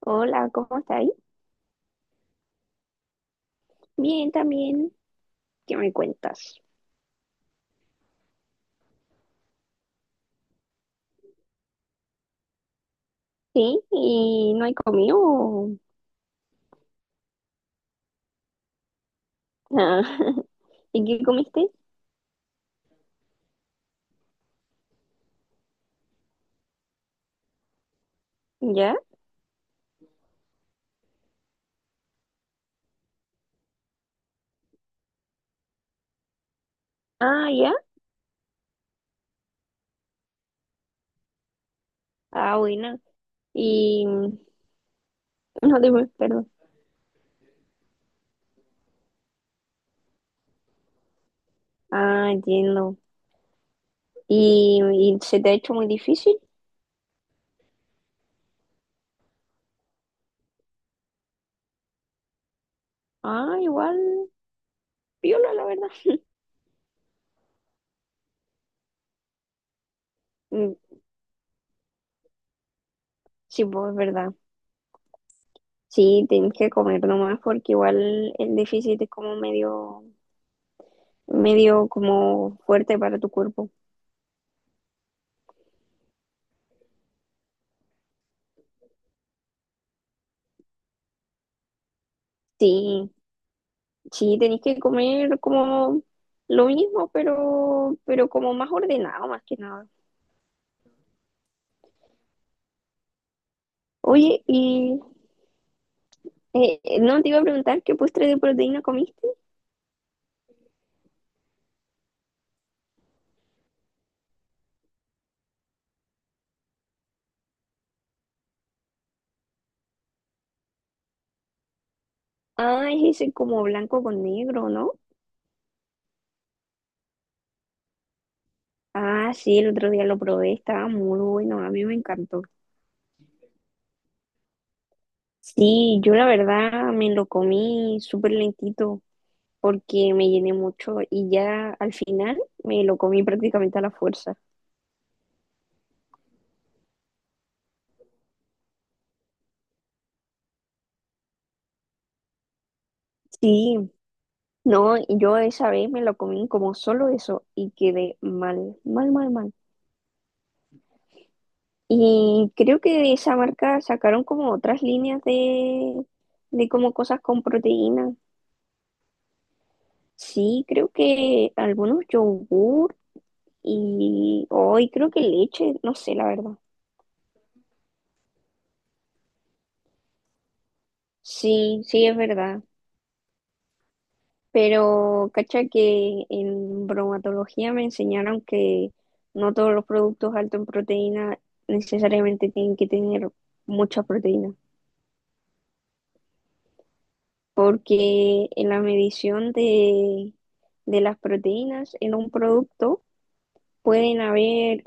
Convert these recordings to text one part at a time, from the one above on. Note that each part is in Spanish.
Hola, ¿cómo está ahí? Bien, también. ¿Qué me cuentas? Sí, ¿y no hay comido? Ah, ¿y qué comiste? ¿Ya? Ah, ya. Ah, buena. Y no te, perdón. Ah, entiendo. ¿Y se te ha hecho muy difícil? Ah, igual, piola, la verdad. Mm, sí, pues, es verdad. Sí, tienes que comer nomás porque igual el déficit es como medio, medio como fuerte para tu cuerpo. Sí. Sí, tenéis que comer como lo mismo, pero como más ordenado, más que nada. Oye, y no te iba a preguntar qué postre de proteína comiste. Ah, es ese como blanco con negro, ¿no? Ah, sí, el otro día lo probé, estaba muy bueno, a mí me encantó. Sí, yo la verdad me lo comí súper lentito porque me llené mucho y ya al final me lo comí prácticamente a la fuerza. Sí. No, y yo esa vez me lo comí como solo eso y quedé mal, mal, mal, mal. Y creo que de esa marca sacaron como otras líneas de como cosas con proteína. Sí, creo que algunos yogur y hoy creo que leche, no sé la verdad. Sí, sí es verdad. Pero cacha que en bromatología me enseñaron que no todos los productos altos en proteína necesariamente tienen que tener mucha proteína. Porque en la medición de las proteínas en un producto pueden haber,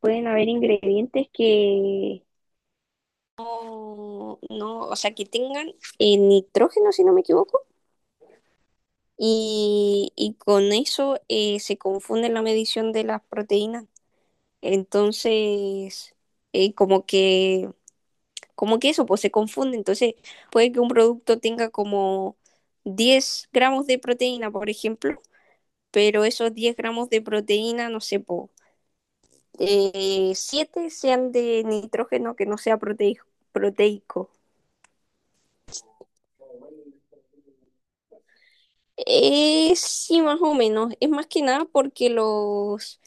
pueden haber ingredientes que no, no, o sea, que tengan nitrógeno, si no me equivoco, y con eso se confunde la medición de las proteínas. Entonces, eh, como que, como que eso, pues se confunde. Entonces, puede que un producto tenga como 10 g de proteína, por ejemplo, pero esos 10 g de proteína, no sé, po, 7 sean de nitrógeno que no sea proteico. Sí, más o menos. Es más que nada porque los,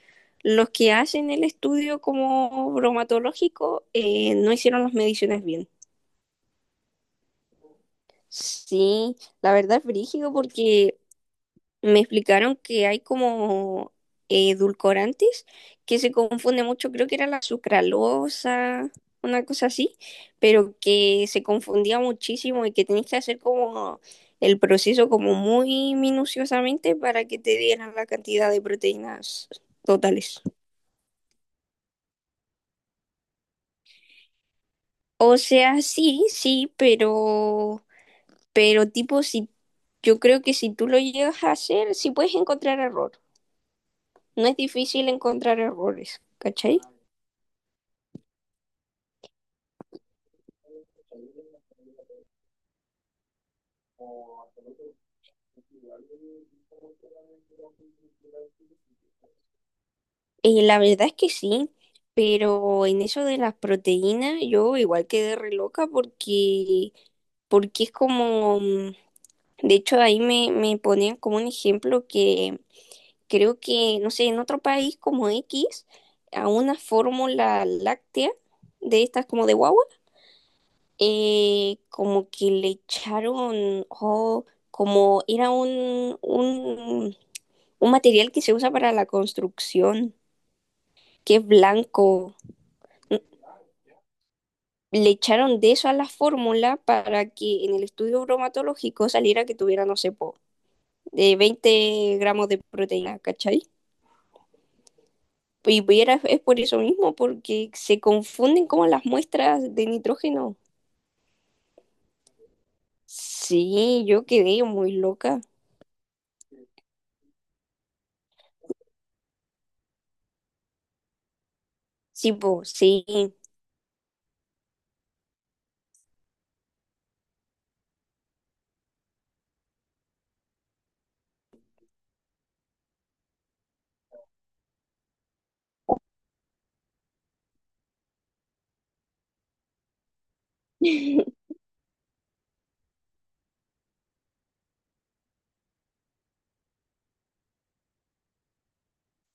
los que hacen el estudio como bromatológico no hicieron las mediciones bien. Sí, la verdad es brígido porque me explicaron que hay como edulcorantes que se confunde mucho, creo que era la sucralosa, una cosa así, pero que se confundía muchísimo y que tenías que hacer como el proceso como muy minuciosamente para que te dieran la cantidad de proteínas totales. O sea, sí, sí, pero tipo, si yo creo que si tú lo llegas a hacer, sí puedes encontrar error. No es difícil encontrar errores, ¿cachai? La verdad es que sí, pero en eso de las proteínas yo igual quedé re loca porque es como, de hecho ahí me ponían como un ejemplo que creo que, no sé, en otro país como X, a una fórmula láctea de estas como de guagua, como que le echaron, oh, como era un material que se usa para la construcción, que es blanco. Le echaron de eso a la fórmula para que en el estudio bromatológico saliera que tuviera, no sé, po, de 20 g de proteína, ¿cachai? Y es por eso mismo, porque se confunden como las muestras de nitrógeno. Sí, yo quedé muy loca. Sí, pues, sí.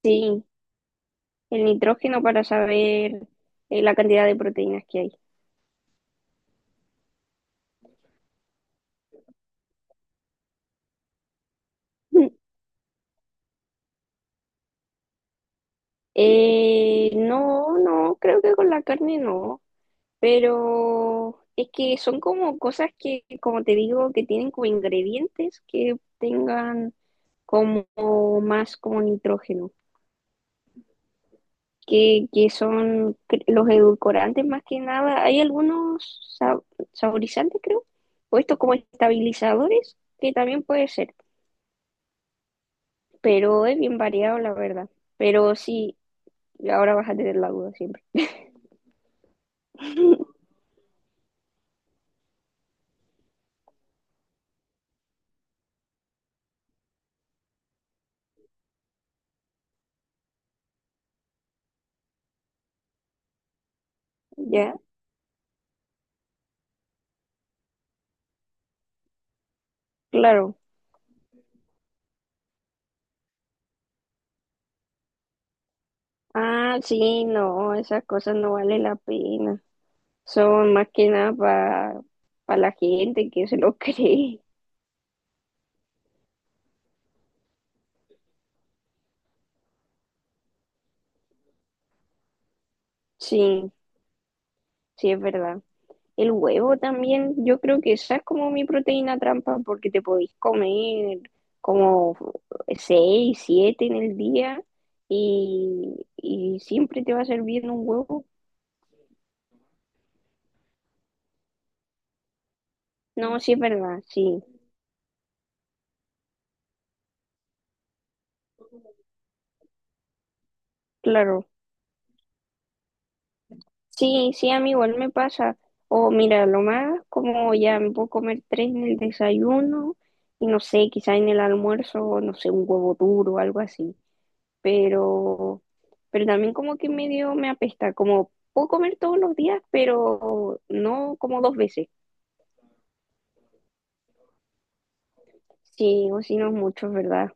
Sí, el nitrógeno para saber la cantidad de proteínas que hay. No, no, creo que con la carne no. Pero es que son como cosas que, como te digo, que tienen como ingredientes que tengan como más como nitrógeno, que son los edulcorantes más que nada. Hay algunos saborizantes, creo, o estos como estabilizadores, que también puede ser, pero es bien variado, la verdad. Pero sí, ahora vas a tener la duda siempre. Ya, claro. Ah, sí, no, esas cosas no vale la pena. Son más que nada para la gente que se lo cree. Sí, sí, es verdad. El huevo también, yo creo que esa es como mi proteína trampa porque te podéis comer como seis, siete en el día y siempre te va a servir un huevo. No, sí es verdad, sí, claro. Sí, sí, a mí igual me pasa. O mira, lo más como ya me puedo comer tres en el desayuno y no sé, quizá en el almuerzo, no sé, un huevo duro o algo así. Pero, pero también como que medio me apesta, como puedo comer todos los días, pero no como dos veces. Sí, o si no es mucho, es verdad.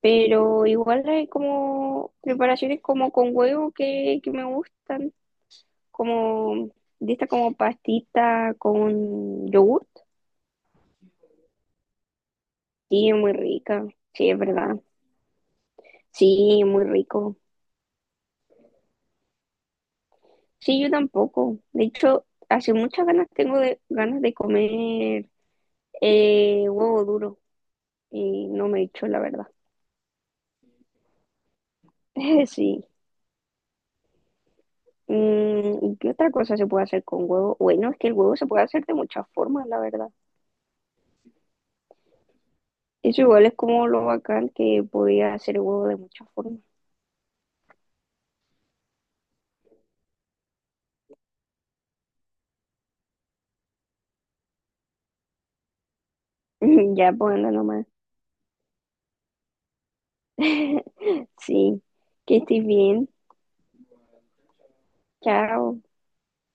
Pero igual hay como preparaciones como con huevo que me gustan, como de esta como pastita con yogur. Sí, muy rica. Sí, es verdad. Sí, muy rico. Sí, yo tampoco. De hecho, hace muchas ganas tengo ganas de comer huevo duro y no me he hecho la verdad. Sí. ¿Qué otra cosa se puede hacer con huevo? Bueno, es que el huevo se puede hacer de muchas formas, la verdad. Eso igual es como lo bacán que podía hacer el huevo de muchas formas. Ya, pues anda nomás. Sí. Que estés bien. Chao.